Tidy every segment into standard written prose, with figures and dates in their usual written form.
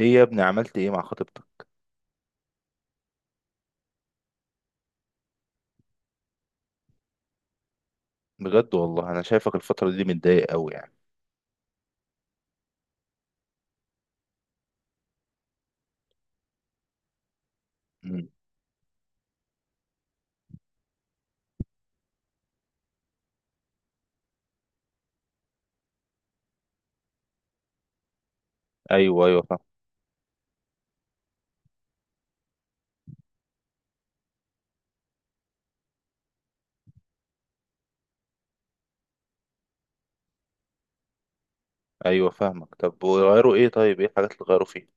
ايه يا ابني، عملت ايه مع خطيبتك؟ بجد والله انا شايفك الفترة دي متضايق قوي يعني. مم. ايوه، ايوه، فاهم. ايوه فاهمك. طب وغيروا ايه؟ طيب ايه الحاجات اللي غيروا فيها؟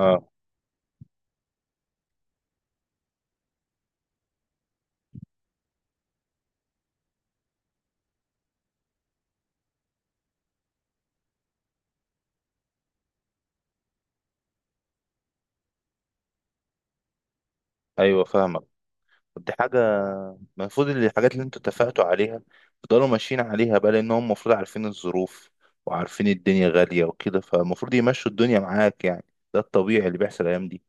اه. ايوه فاهمك. طب دي حاجة المفروض إن الحاجات اللي انتوا اتفقتوا عليها تفضلوا ماشيين عليها بقى، لان هم المفروض عارفين الظروف وعارفين الدنيا غالية وكده. فالمفروض يمشوا الدنيا معاك يعني. ده الطبيعي اللي بيحصل الايام دي.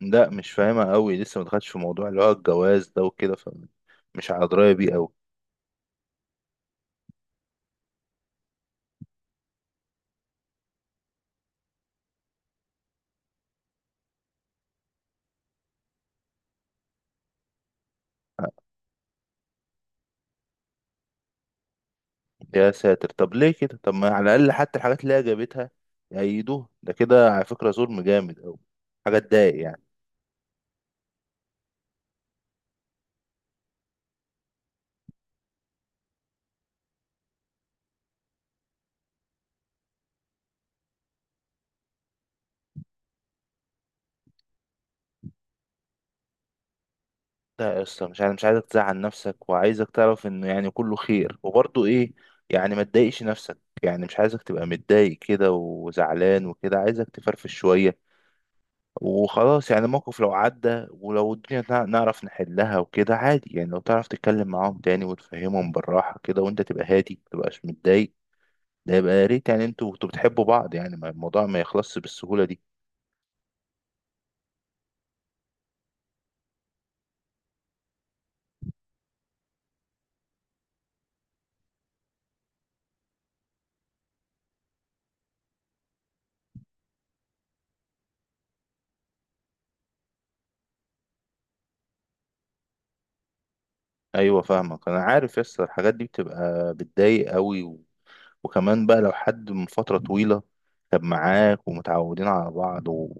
لا، مش فاهمها قوي. لسه ما دخلتش في موضوع اللي هو الجواز ده وكده، فمش على دراية بيه قوي. يا ساتر! طب ليه كده؟ طب ما على الاقل حتى الحاجات اللي هي جابتها يأيدوها. ده كده على فكره ظلم جامد قوي. حاجه تضايق يعني. لا يا اسطى، مش عايزك تزعل نفسك، وعايزك تعرف انه يعني كله خير وبرضه ايه، يعني ما تضايقش نفسك. يعني مش عايزك تبقى متضايق كده وزعلان وكده، عايزك تفرفش شويه وخلاص. يعني الموقف لو عدى ولو الدنيا نعرف نحلها وكده عادي. يعني لو تعرف تتكلم معاهم تاني وتفهمهم بالراحه كده وانت تبقى هادي متبقاش متضايق، ده يبقى يا ريت. يعني انتوا كنتوا بتحبوا بعض يعني، الموضوع ما يخلصش بالسهولة دي. ايوه فاهمك، انا عارف يس الحاجات دي بتبقى بتضايق قوي. وكمان بقى لو حد من فترة طويلة كان معاك ومتعودين على بعض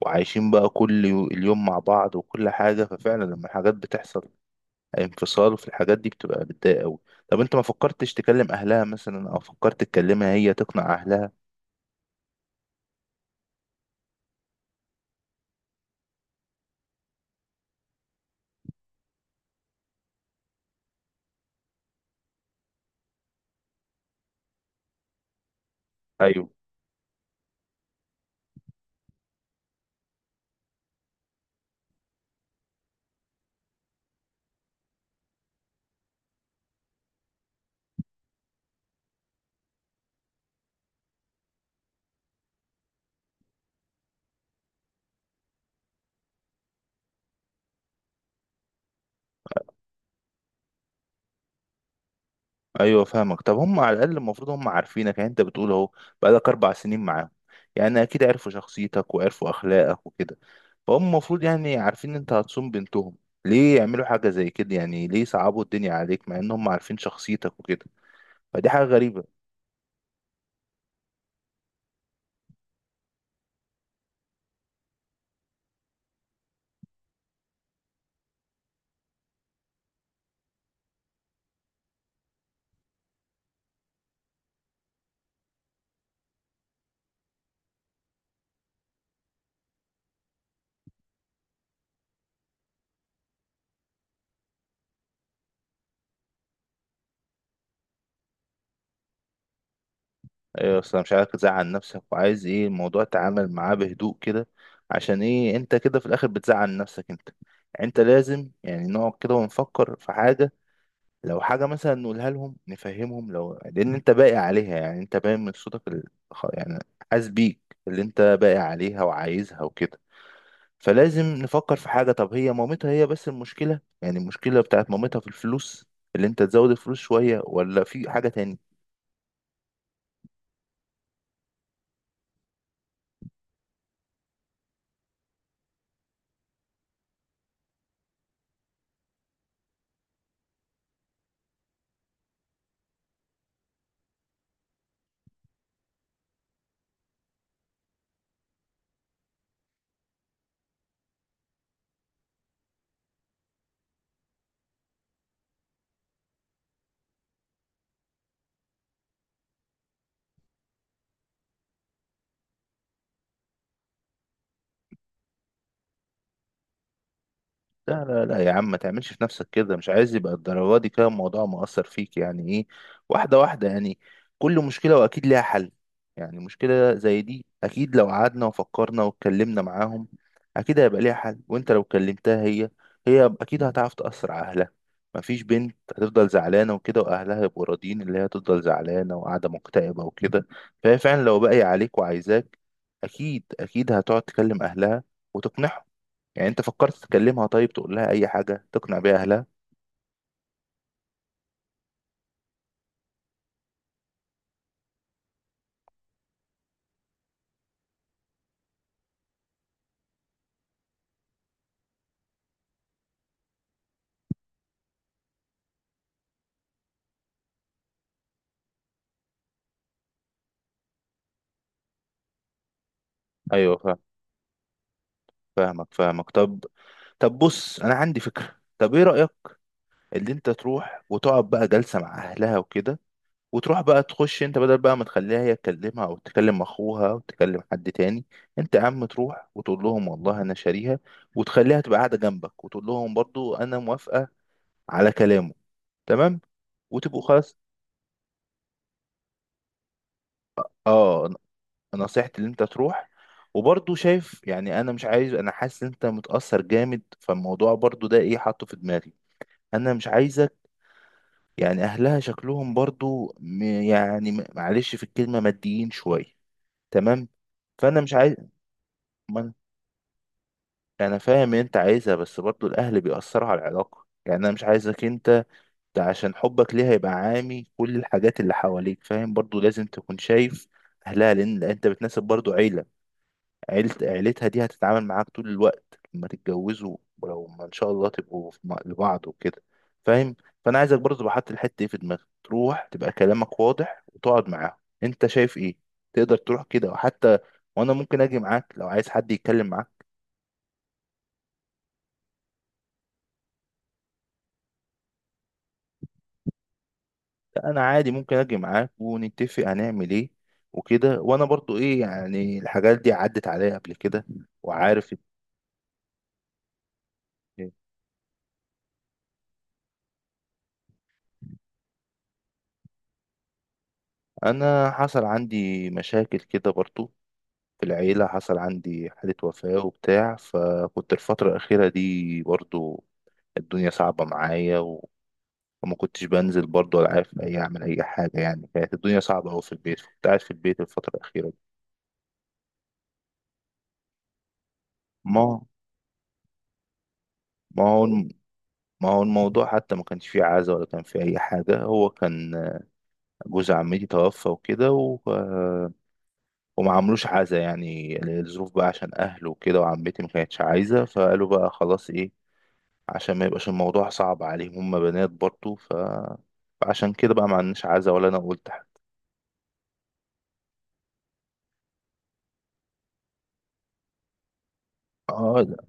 وعايشين بقى كل اليوم مع بعض وكل حاجة، ففعلا لما الحاجات بتحصل انفصال في الحاجات دي بتبقى بتضايق قوي. طب انت ما فكرتش تكلم اهلها مثلا، او فكرت تكلمها هي تقنع اهلها؟ ايوه، ايوه، فاهمك. طب هم على الاقل المفروض هم عارفينك، يعني انت بتقول اهو، بقالك 4 سنين معاهم. يعني اكيد عرفوا شخصيتك وعرفوا اخلاقك وكده. فهم المفروض يعني عارفين ان انت هتصوم بنتهم. ليه يعملوا حاجه زي كده؟ يعني ليه يصعبوا الدنيا عليك مع ان هم عارفين شخصيتك وكده؟ فدي حاجه غريبه. ايوه، اصل أنا مش عايزك تزعل نفسك، وعايز ايه، الموضوع تعامل معاه بهدوء كده. عشان ايه انت كده في الاخر بتزعل نفسك انت؟ يعني انت لازم يعني نقعد كده ونفكر في حاجه. لو حاجة مثلا نقولها لهم نفهمهم، لأن أنت باقي عليها، يعني أنت باين من صوتك يعني حاسس بيك اللي أنت باقي عليها وعايزها وكده. فلازم نفكر في حاجة. طب هي مامتها هي بس المشكلة، بتاعت مامتها في الفلوس، اللي أنت تزود الفلوس شوية ولا في حاجة تاني؟ لا، لا، لا يا عم، ما تعملش في نفسك كده. مش عايز يبقى الدرجة دي كده الموضوع مؤثر فيك، يعني ايه؟ واحدة واحدة يعني. كل مشكلة وأكيد ليها حل. يعني مشكلة زي دي، أكيد لو قعدنا وفكرنا واتكلمنا معاهم أكيد هيبقى ليها حل. وأنت لو كلمتها هي أكيد هتعرف تأثر على أهلها. مفيش بنت هتفضل زعلانة وكده وأهلها يبقوا راضيين اللي هي تفضل زعلانة وقاعدة مكتئبة وكده. فهي فعلا لو باقية عليك وعايزاك، أكيد أكيد هتقعد تكلم أهلها وتقنعهم. يعني انت فكرت تكلمها؟ طيب تقول لها اي حاجة تقنع بيها اهلها. ايوه فاهم. فاهمك. طب بص انا عندي فكرة. طب ايه رأيك، اللي انت تروح وتقعد بقى جلسة مع اهلها وكده، وتروح بقى تخش انت بدل بقى ما تخليها هي تكلمها او تكلم اخوها او تكلم حد تاني. انت يا عم تروح وتقول لهم والله انا شاريها، وتخليها تبقى قاعدة جنبك وتقول لهم برضو انا موافقة على كلامه. تمام. وتبقوا خلاص. اه، نصيحتي اللي انت تروح. وبرضه شايف، يعني انا مش عايز، انا حاسس ان انت متأثر جامد فالموضوع برضه ده ايه حاطه في دماغي. انا مش عايزك، يعني اهلها شكلهم برضه معلش في الكلمة ماديين شوية، تمام؟ فانا مش عايز. ما انا أنا فاهم ان انت عايزها، بس برضه الاهل بيأثروا على العلاقة، يعني انا مش عايزك انت ده عشان حبك ليها يبقى عامي كل الحاجات اللي حواليك. فاهم؟ برضه لازم تكون شايف اهلها لان انت بتناسب برضه عيلة، عيلتها دي هتتعامل معاك طول الوقت لما تتجوزوا. ولو ما ان شاء الله تبقوا في لبعض وكده، فاهم؟ فانا عايزك برضه تبقى حاطط الحته دي في دماغك. تروح تبقى كلامك واضح وتقعد معاهم انت شايف ايه. تقدر تروح كده وحتى وانا ممكن اجي معاك لو عايز حد يتكلم معاك. لا، انا عادي ممكن اجي معاك ونتفق هنعمل ايه وكده، وانا برضو ايه يعني، الحاجات دي عدت عليا قبل كده وعارف. انا حصل عندي مشاكل كده برضو. في العيلة حصل عندي حالة وفاة وبتاع، فكنت الفترة الأخيرة دي برضو الدنيا صعبة معايا، وما كنتش بنزل برضو ولا عارف أعمل أي حاجة. يعني كانت الدنيا صعبة أوي في البيت، فكنت قاعد في البيت الفترة الأخيرة دي. ما ما هو الم- ما هو الموضوع حتى ما كانش فيه عزا ولا كان فيه أي حاجة. هو كان جوز عمتي توفى وكده، وما عملوش عزا يعني. الظروف بقى عشان أهله وكده، وعمتي ما كانتش عايزة فقالوا بقى خلاص إيه، عشان ما يبقاش الموضوع صعب عليهم، هم بنات برضه، فعشان كده بقى ما عندناش عزا ولا انا قلت حاجه. اه، لا.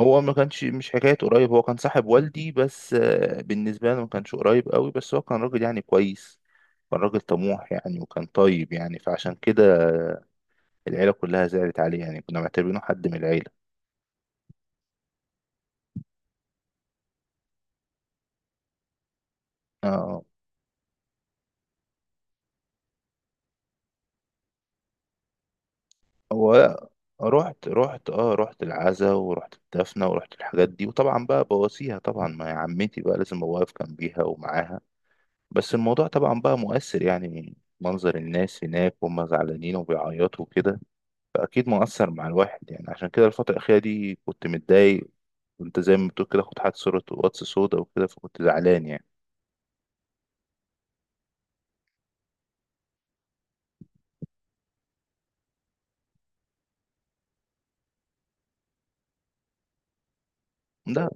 هو ما كانش مش حكايه قريب، هو كان صاحب والدي بس، بالنسبه لنا ما كانش قريب قوي، بس هو كان راجل يعني كويس، كان راجل طموح يعني، وكان طيب يعني. فعشان كده العيله كلها زعلت عليه يعني، كنا معتبرينه حد من العيله. اه، هو لا، رحت العزا ورحت الدفنه ورحت الحاجات دي، وطبعا بقى بواسيها طبعا. ما هي عمتي بقى، لازم ابقى واقف جنبيها ومعاها. بس الموضوع طبعا بقى مؤثر يعني، منظر الناس هناك وهم زعلانين وبيعيطوا وكده فأكيد مؤثر مع الواحد يعني. عشان كده الفترة الأخيرة دي كنت متضايق، كنت زي ما بتقول كده كنت حاطط صورة واتس سودا وكده، فكنت زعلان يعني. ده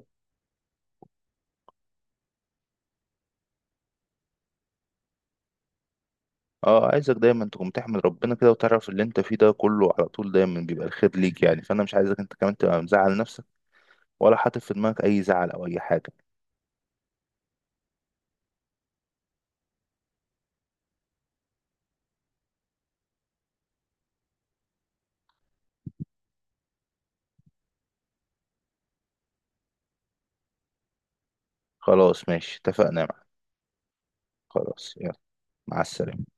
اه، عايزك دايما تقوم تحمد ربنا كده وتعرف اللي انت فيه ده كله على طول دايما بيبقى الخير ليك يعني. فانا مش عايزك انت كمان تبقى مزعل نفسك، ولا حاطط في دماغك اي زعل او اي حاجة. خلاص ماشي، اتفقنا يا معلم. خلاص يلا، مع السلامة.